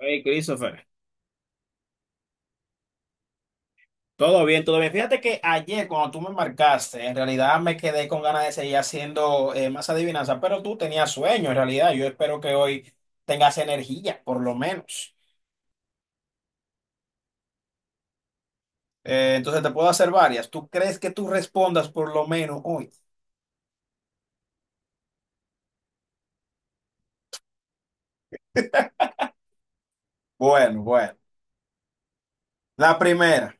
Hey, Christopher, todo bien, todo bien. Fíjate que ayer cuando tú me marcaste, en realidad me quedé con ganas de seguir haciendo más adivinanzas, pero tú tenías sueño en realidad. Yo espero que hoy tengas energía, por lo menos. Entonces te puedo hacer varias. ¿Tú crees que tú respondas por lo menos hoy? Bueno, bueno. La primera,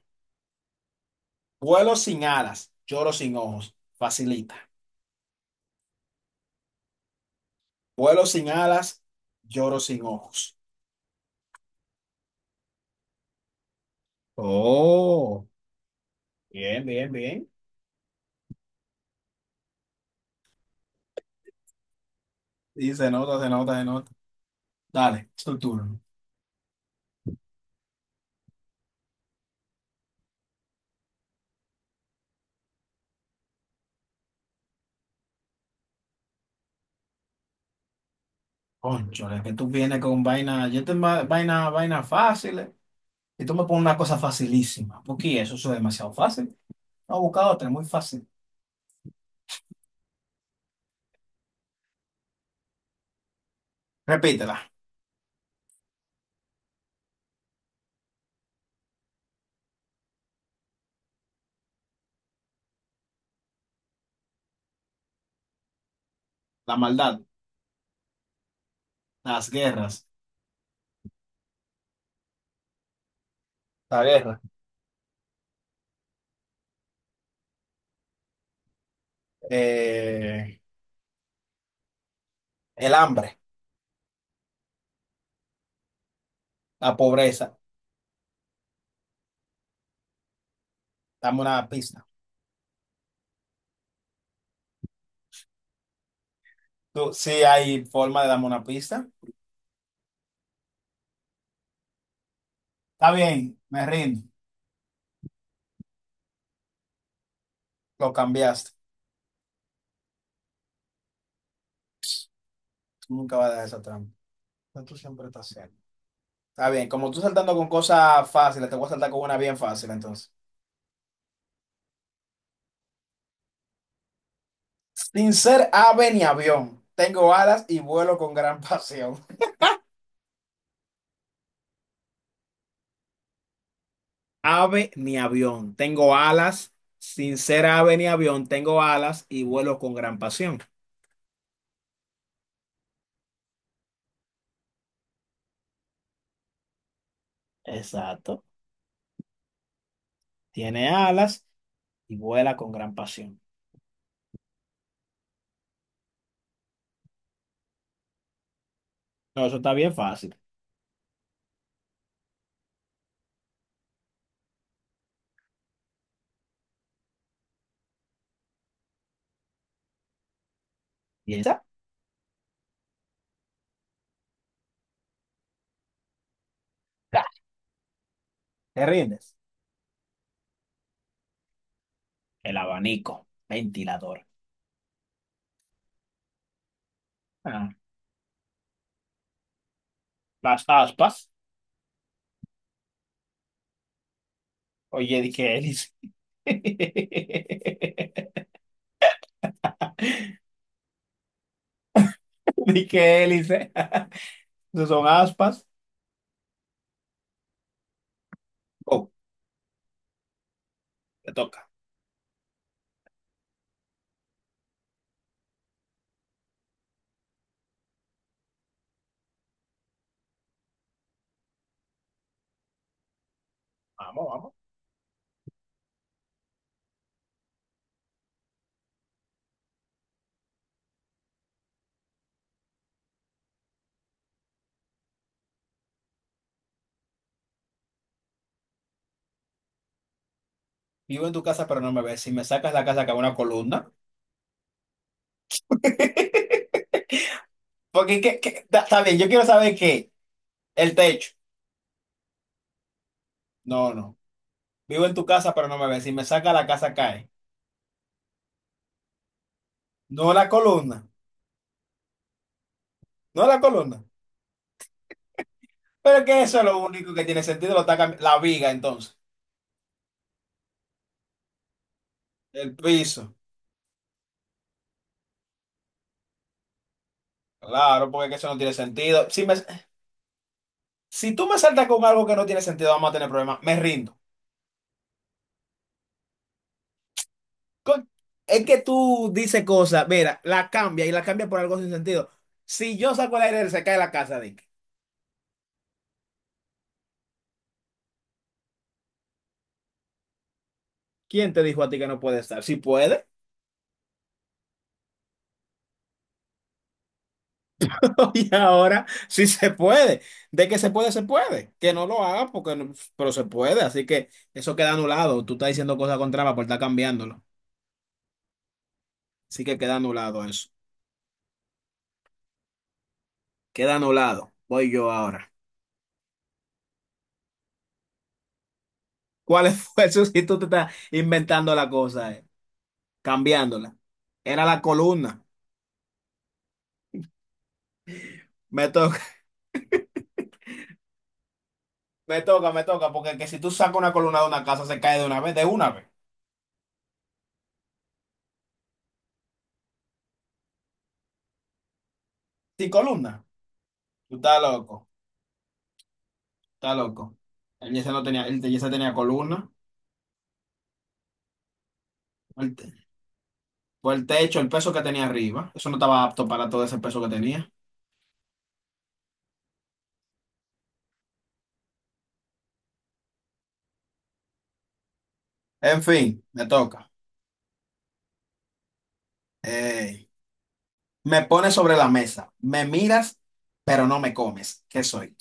vuelo sin alas, lloro sin ojos. Facilita. Vuelo sin alas, lloro sin ojos. Oh, bien, bien, bien. Sí, se nota, se nota, se nota. Dale, es tu turno. Cónchale, que tú vienes con vaina, vaina, vaina fáciles y tú me pones una cosa facilísima. Porque eso es demasiado fácil. No, busca otra, muy fácil. Repítela. La maldad, las guerras, la guerra, eh, el hambre, la pobreza. Dame una pista. Tú, sí hay forma de darme una pista. Está bien, me rindo. Lo cambiaste. Tú nunca vas a dejar esa trampa. Pero tú siempre estás haciendo. Está bien, como tú saltando con cosas fáciles, te voy a saltar con una bien fácil entonces. Sin ser ave ni avión, tengo alas y vuelo con gran pasión. Ave ni avión, tengo alas. Sin ser ave ni avión, tengo alas y vuelo con gran pasión. Exacto. Tiene alas y vuela con gran pasión. No, eso está bien fácil. ¿Y esa? Ah, ¿te rindes? El abanico, ventilador. Ah, las aspas. Oye, di que hélice. Di que hélice. No son aspas. Oh, te toca. Vamos, vamos. Vivo en tu casa, pero no me ves. Si me sacas la casa, cago en una columna. Porque, ¿qué, qué? Está bien, yo quiero saber qué. El techo. No, no. Vivo en tu casa, pero no me ves. Si me sacas la casa, cae. No la columna. No la columna. Pero que eso es lo único que tiene sentido. La viga, entonces. El piso. Claro, porque que eso no tiene sentido. Si, me, si tú me saltas con algo que no tiene sentido, vamos a tener problemas. Me rindo. Con- es que tú dices cosas, mira, la cambia y la cambia por algo sin sentido. Si yo saco el aire, se cae la casa, Dick. ¿Quién te dijo a ti que no puede estar? Si puede, y ahora sí se puede. De que se puede, se puede. Que no lo haga, porque no- Pero se puede. Así que eso queda anulado. Tú estás diciendo cosas contrarias por estar cambiándolo. Así que queda anulado eso. Queda anulado. Voy yo ahora. ¿Cuál fue eso si tú te estás inventando la cosa, eh? ¿Cambiándola? Era la columna. Me toca, me toca, porque que si tú sacas una columna de una casa, se cae de una vez, de una vez. Sin columna. Tú estás loco. Está loco. El Yesa no tenía, el Yesa tenía columna. El te- por el techo, el peso que tenía arriba. Eso no estaba apto para todo ese peso que tenía. En fin, me toca. Eh, Me pones sobre la mesa. Me miras, pero no me comes. ¿Qué soy?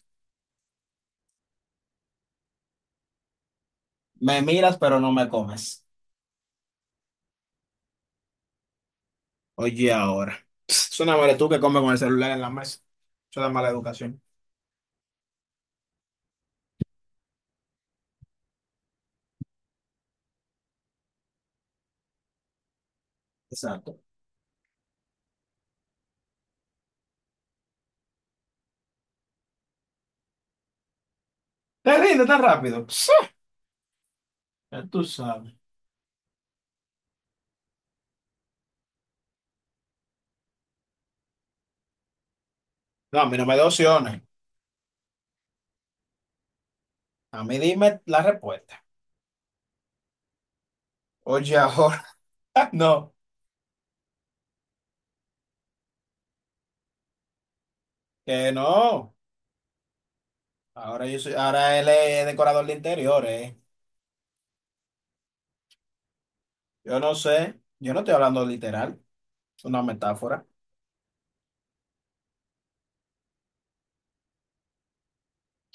Me miras, pero no me comes. Oye, ahora. Pss, suena madre tú que comes con el celular en la mesa. Eso da mala educación. Exacto. Te rinde tan rápido. Pss, ya tú sabes. No, a mí no me da opciones. A mí dime la respuesta. Oye, ahora. No. Que no, ahora yo soy, ahora él es decorador de interiores. Yo no sé, yo no estoy hablando literal, es una metáfora.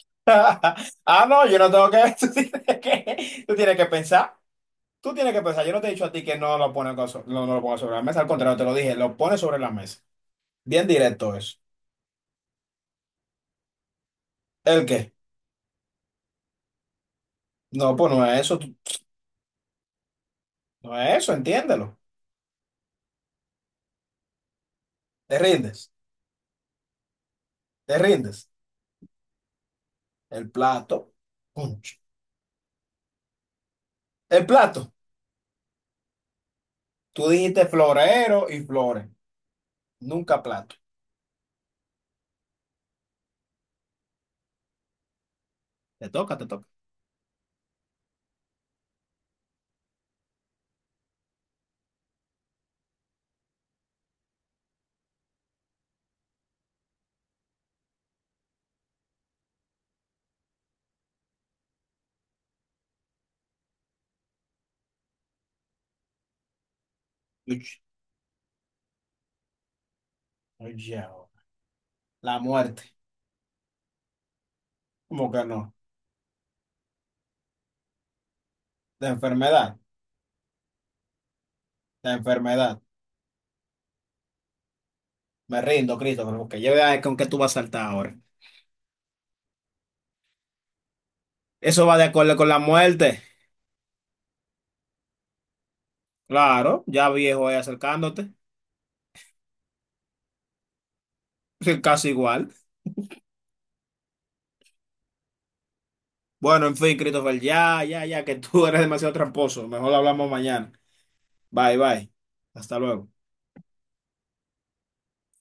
Ah, no, yo no tengo que, tú tienes que pensar, tú tienes que pensar. Yo no te he dicho a ti que no lo pones con so- no, no lo pongas sobre la mesa, al contrario, te lo dije, lo pones sobre la mesa. Bien directo eso. ¿El qué? No, pues no es eso, no es eso, entiéndelo. Te rindes, te rindes. El plato, punch. El plato, tú dijiste florero y flores, nunca plato. Te toca, te toca. Uch, oye, oh. La muerte. ¿Cómo que no? La enfermedad. La enfermedad. Me rindo, Cristo, porque yo vea con qué tú vas a saltar ahora. Eso va de acuerdo con la muerte. Claro, ya viejo ahí acercándote. Casi igual. Bueno, en fin, Christopher, ya, ya, ya, que tú eres demasiado tramposo. Mejor hablamos mañana. Bye, bye. Hasta luego.